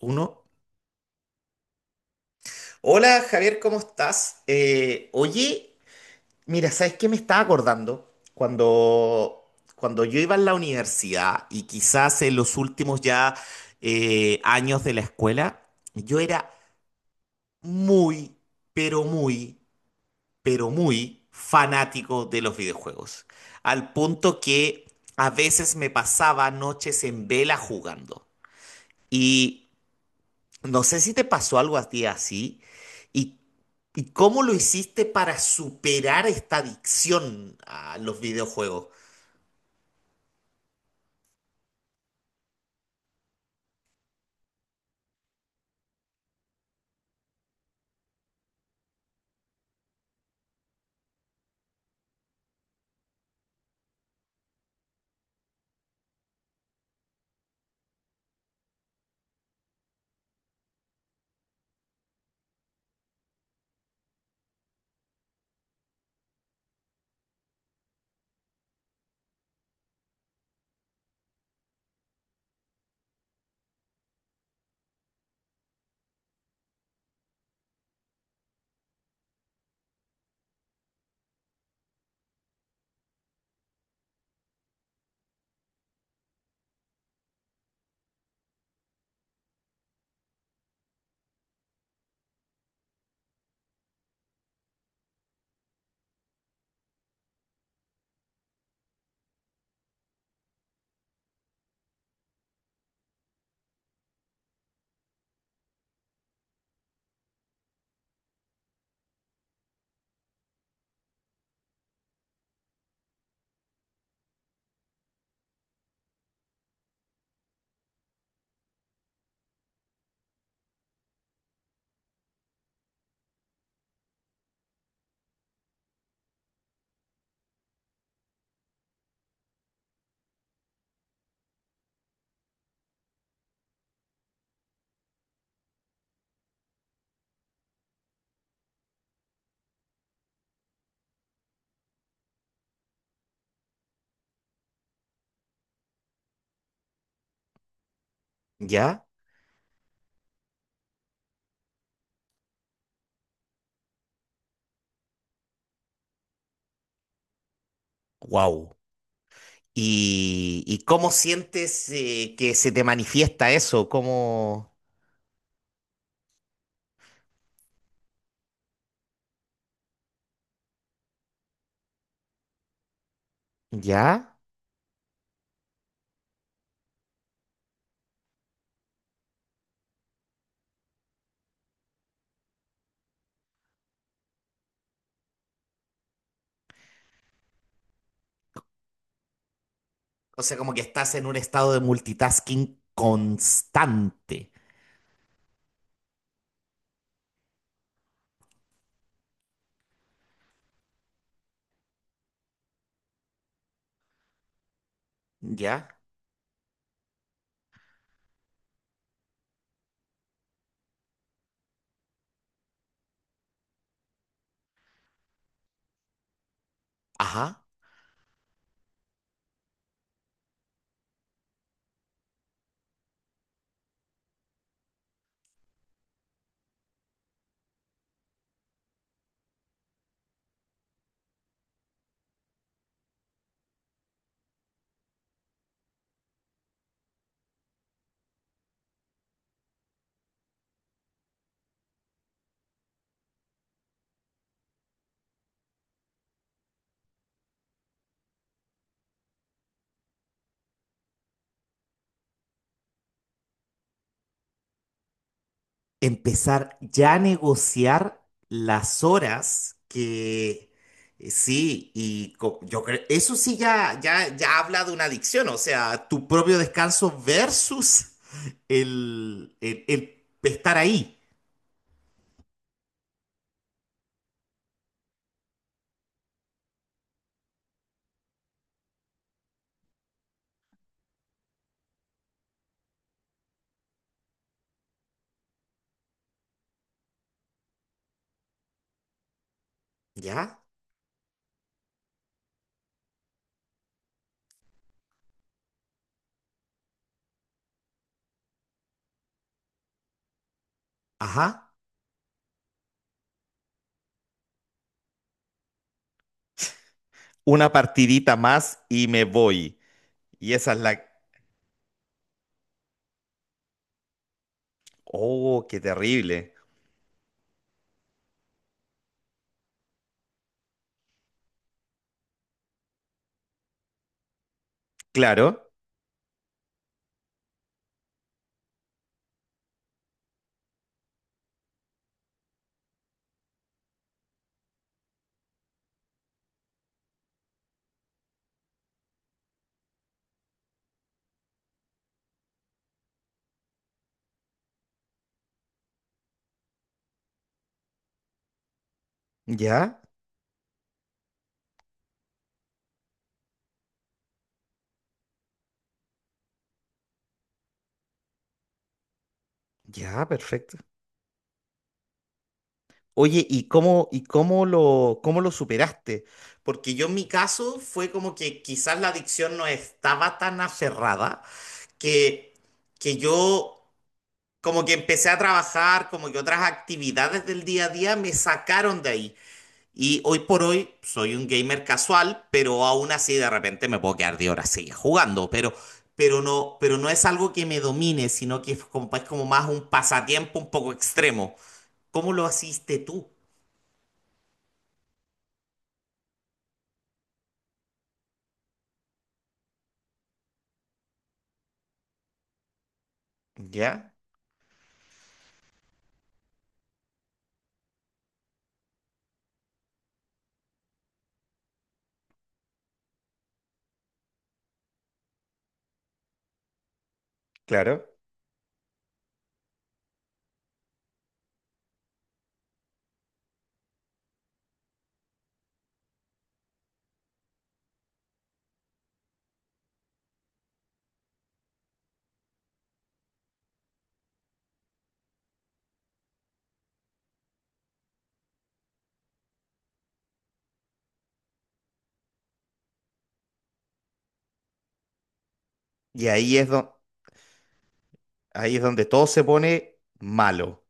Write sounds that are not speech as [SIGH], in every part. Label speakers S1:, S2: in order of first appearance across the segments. S1: Uno. Hola Javier, ¿cómo estás? Oye, mira, ¿sabes qué me estaba acordando? Cuando yo iba en la universidad y quizás en los últimos ya años de la escuela, yo era muy, pero muy, pero muy fanático de los videojuegos. Al punto que a veces me pasaba noches en vela jugando. Y no sé si te pasó algo a ti así y, y cómo lo hiciste para superar esta adicción a los videojuegos. ¿Ya? Wow. ¿Y cómo sientes que se te manifiesta eso? ¿Cómo... ¿Ya? O sea, como que estás en un estado de multitasking constante. ¿Ya? Ajá. Empezar ya a negociar las horas que sí, y yo creo, eso sí ya, ya, ya habla de una adicción, o sea, tu propio descanso versus el estar ahí, ¿ya? Ajá. Una partidita más y me voy. Y esa es la... Oh, qué terrible. Claro. Ya, ya, perfecto. Oye, ¿y cómo, cómo lo superaste? Porque yo en mi caso fue como que quizás la adicción no estaba tan aferrada que, que yo como que empecé a trabajar, como que otras actividades del día a día me sacaron de ahí. Y hoy por hoy soy un gamer casual, pero aún así de repente me puedo quedar de horas seguidas jugando, pero no es algo que me domine, sino que es es como más un pasatiempo un poco extremo. ¿Cómo lo hiciste tú? ¿Ya? Claro. Y ahí es donde todo se pone malo.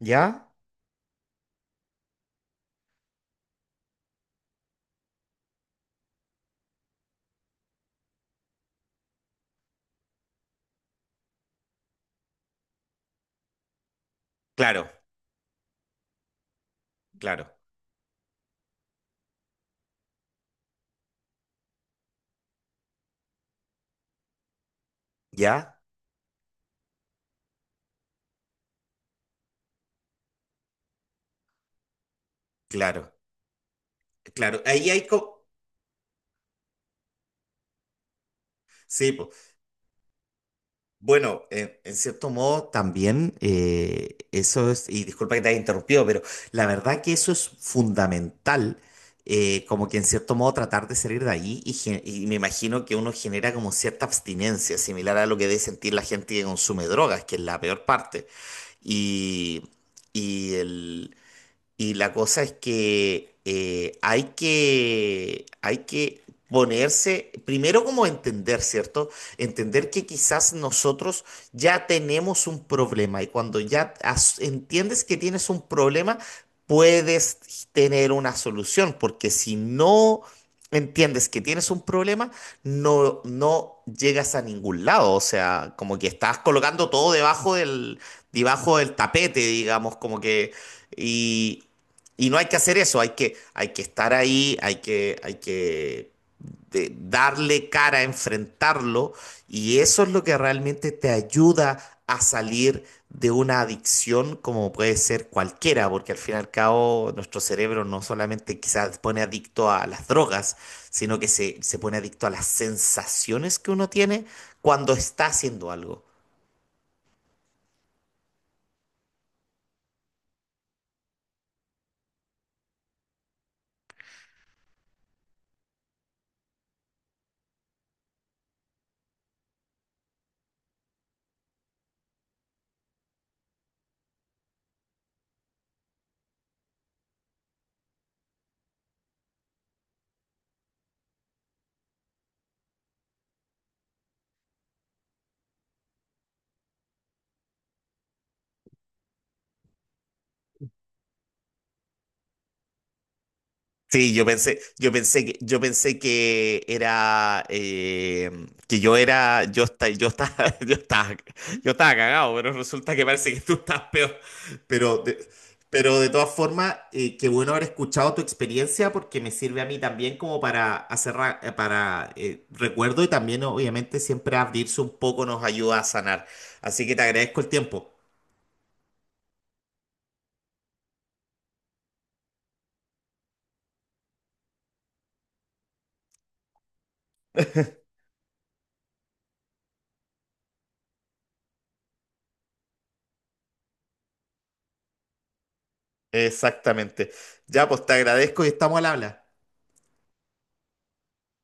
S1: ¿Ya? Claro, claro, ya, claro, claro. Sí, po. Bueno, en cierto modo también eso es, y disculpa que te haya interrumpido, pero la verdad que eso es fundamental, como que en cierto modo tratar de salir de ahí y, y me imagino que uno genera como cierta abstinencia, similar a lo que debe sentir la gente que consume drogas, que es la peor parte. Y, y el Y la cosa es que hay que, hay que ponerse, primero como entender, ¿cierto? Entender que quizás nosotros ya tenemos un problema y cuando ya entiendes que tienes un problema, puedes tener una solución, porque si no entiendes que tienes un problema, no, no llegas a ningún lado, o sea, como que estás colocando todo debajo debajo del tapete, digamos, como que... Y, y no hay que hacer eso, hay que estar ahí, hay que darle cara, enfrentarlo, y eso es lo que realmente te ayuda a salir de una adicción como puede ser cualquiera, porque al fin y al cabo nuestro cerebro no solamente quizás pone adicto a las drogas, sino que se pone adicto a las sensaciones que uno tiene cuando está haciendo algo. Sí, yo pensé, yo pensé que era, que yo era, yo estaba, [LAUGHS] yo estaba cagado, pero resulta que parece que tú estás peor. Pero de, pero de todas formas, qué bueno haber escuchado tu experiencia porque me sirve a mí también como para hacer, para recuerdo y también obviamente siempre abrirse un poco nos ayuda a sanar. Así que te agradezco el tiempo. Exactamente. Ya, pues te agradezco y estamos al habla.